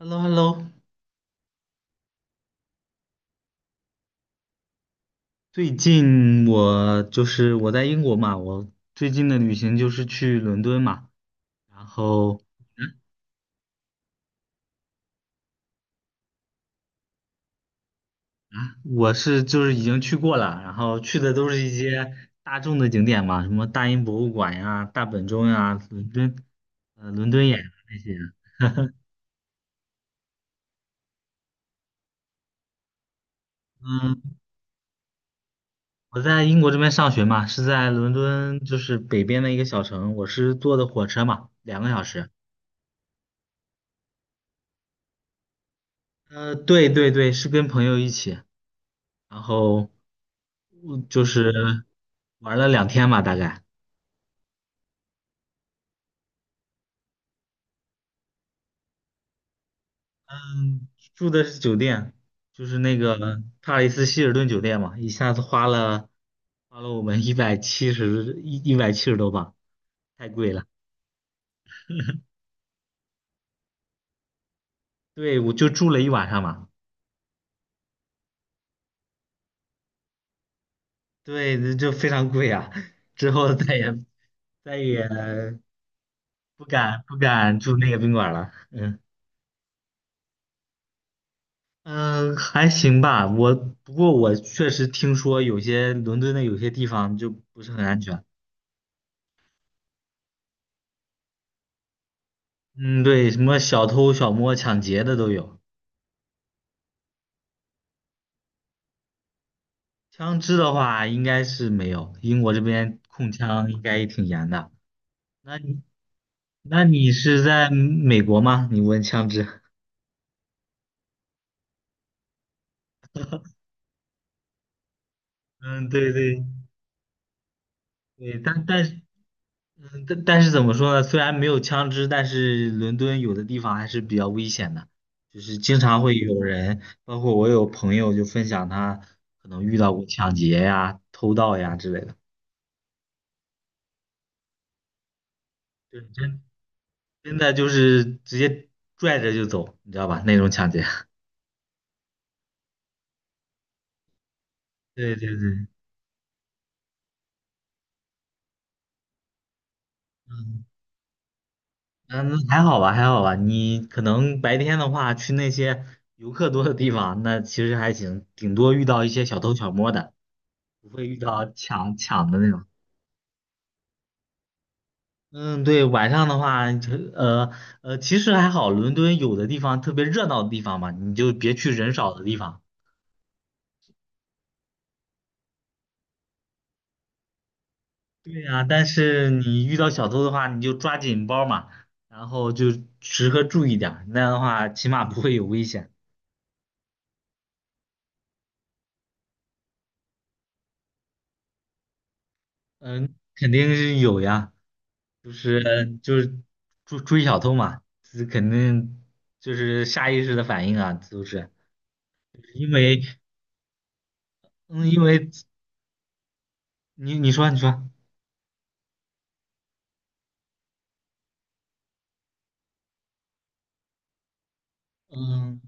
Hello，Hello，最近我就是我在英国嘛，我最近的旅行就是去伦敦嘛，然后就是已经去过了，然后去的都是一些大众的景点嘛，什么大英博物馆呀、大本钟呀、伦敦，伦敦眼啊那些啊。嗯，我在英国这边上学嘛，是在伦敦就是北边的一个小城，我是坐的火车嘛，2个小时。对对对，是跟朋友一起，然后。嗯就是玩了2天吧，大概。嗯，住的是酒店，就是那个帕里斯希尔顿酒店嘛，一下子花了我们一百七十多镑，太贵了。对，我就住了一晚上嘛，对，这就非常贵啊。之后再也不敢住那个宾馆了。嗯嗯，还行吧。不过我确实听说有些伦敦的有些地方就不是很安全。嗯，对，什么小偷、小摸、抢劫的都有。枪支的话，应该是没有，英国这边控枪应该也挺严的。那你是在美国吗？你问枪支？嗯，对对对，但是怎么说呢？虽然没有枪支，但是伦敦有的地方还是比较危险的，就是经常会有人，包括我有朋友就分享他可能遇到过抢劫呀、偷盗呀之类的。对，真的就是直接拽着就走，你知道吧？那种抢劫。对对对，嗯那还好吧，还好吧。你可能白天的话去那些游客多的地方，那其实还行，顶多遇到一些小偷小摸的，不会遇到抢抢的那种。嗯，对，晚上的话，就其实还好，伦敦有的地方特别热闹的地方嘛，你就别去人少的地方。对呀，但是你遇到小偷的话，你就抓紧包嘛，然后就时刻注意点儿那样的话起码不会有危险。嗯，肯定是有呀，就是就是追追小偷嘛，这肯定就是下意识的反应啊，都是因为嗯，因为你说，嗯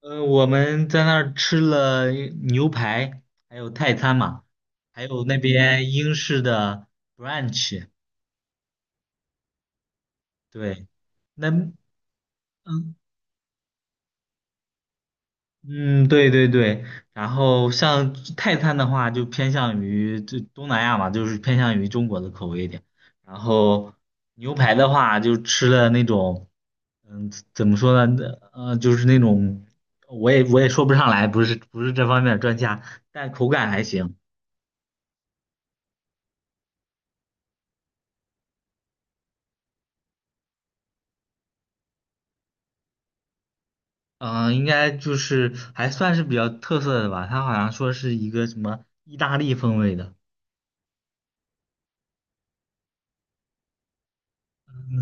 我们在那儿吃了牛排，还有泰餐嘛，还有那边英式的 brunch,对。那嗯嗯，对对对，然后像泰餐的话，就偏向于这东南亚嘛，就是偏向于中国的口味一点。然后牛排的话，就吃了那种，嗯，怎么说呢？呃，就是那种，我也说不上来，不是这方面的专家，但口感还行。嗯，应该就是还算是比较特色的吧。他好像说是一个什么意大利风味的，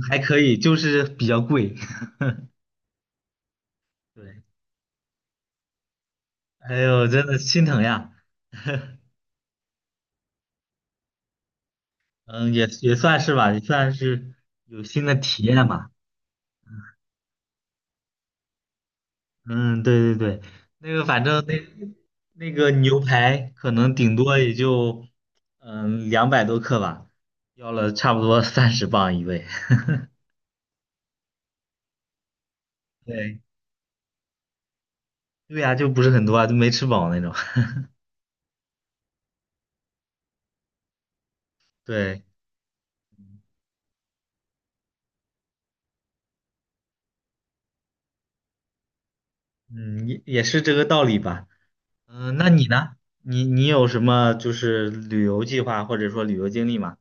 还可以，就是比较贵。对。哎呦，真的心疼呀。嗯，也算是吧，也算是有新的体验吧。嗯，对对对，那个反正那个牛排可能顶多也就200多克吧，要了差不多30磅一位。对对呀，就不是很多啊，就没吃饱那种。对，嗯，也是这个道理吧。嗯，那你呢？你有什么就是旅游计划或者说旅游经历吗？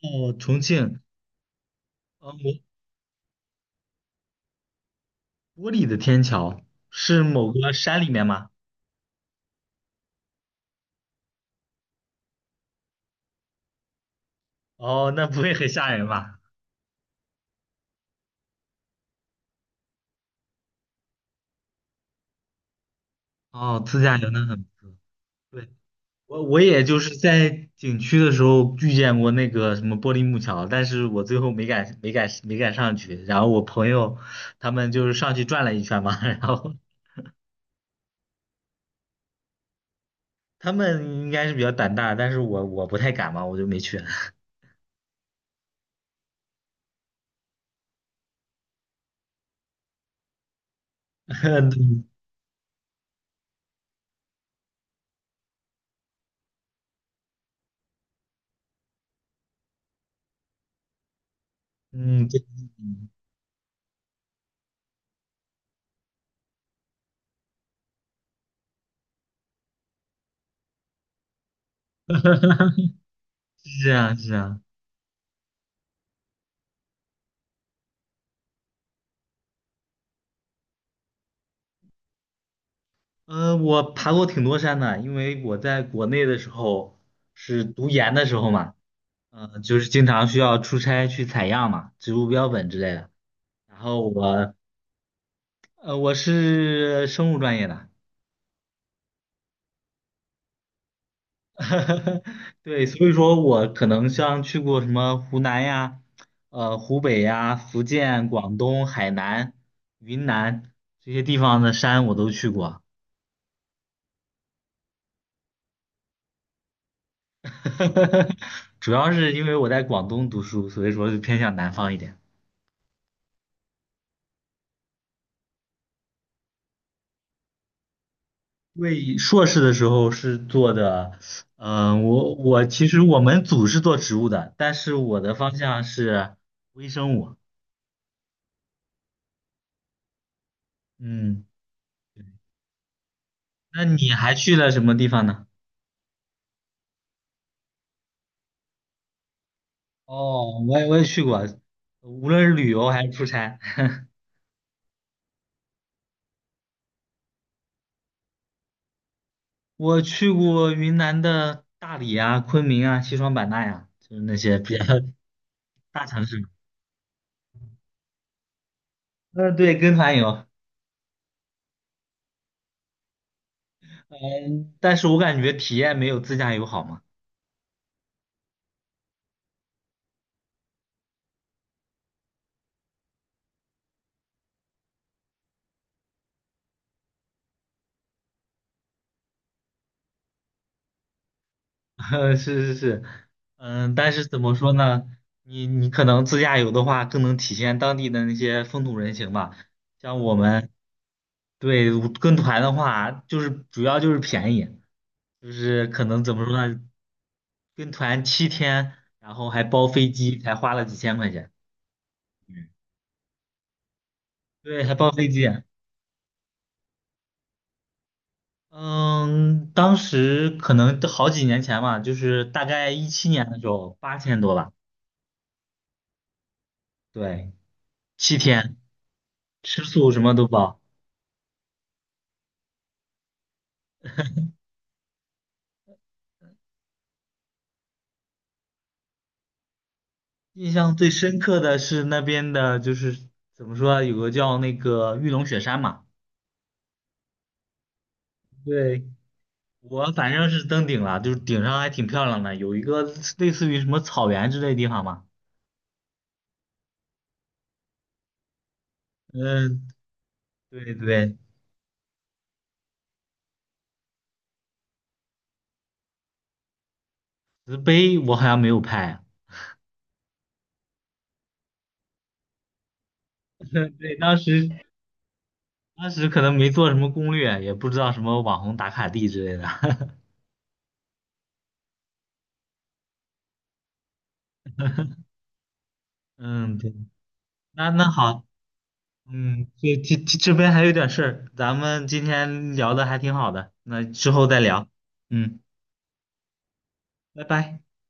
哦，重庆。嗯，玻璃的天桥是某个山里面吗？哦，那不会很吓人吧？哦，自驾游那很不错。对，我也就是在景区的时候遇见过那个什么玻璃木桥，但是我最后没敢上去。然后我朋友他们就是上去转了一圈嘛，然后他们应该是比较胆大，但是我不太敢嘛，我就没去。嗯，嗯对，是这样，是这样。呃，我爬过挺多山的，因为我在国内的时候是读研的时候嘛。嗯，就是经常需要出差去采样嘛，植物标本之类的。然后我是生物专业的，对，所以说我可能像去过什么湖南呀、湖北呀、福建、广东、海南、云南这些地方的山我都去过，主要是因为我在广东读书，所以说就偏向南方一点。因为硕士的时候是做的，我其实我们组是做植物的，但是我的方向是微生物。嗯，那你还去了什么地方呢？哦，我也去过，无论是旅游还是出差，我去过云南的大理啊、昆明啊、西双版纳呀、就是那些比较大城市。嗯，对，跟团游。嗯，但是我感觉体验没有自驾游好嘛。是是是，嗯，但是怎么说呢？你可能自驾游的话，更能体现当地的那些风土人情吧。像我们对跟团的话，就是主要就是便宜，就是可能怎么说呢？跟团七天，然后还包飞机，才花了几千块钱。嗯，对，还包飞机。嗯，当时可能都好几年前嘛，就是大概17年的时候，8000多吧。对，七天，吃宿什么都包。印象最深刻的是那边的，就是怎么说啊，有个叫那个玉龙雪山嘛，对，我反正是登顶了，就是顶上还挺漂亮的，有一个类似于什么草原之类的地方嘛。嗯，对对，石碑我好像没有拍，对，当时可能没做什么攻略，也不知道什么网红打卡地之类的。嗯，对，那好，嗯，这边还有点事儿，咱们今天聊的还挺好的，那之后再聊。嗯。拜拜。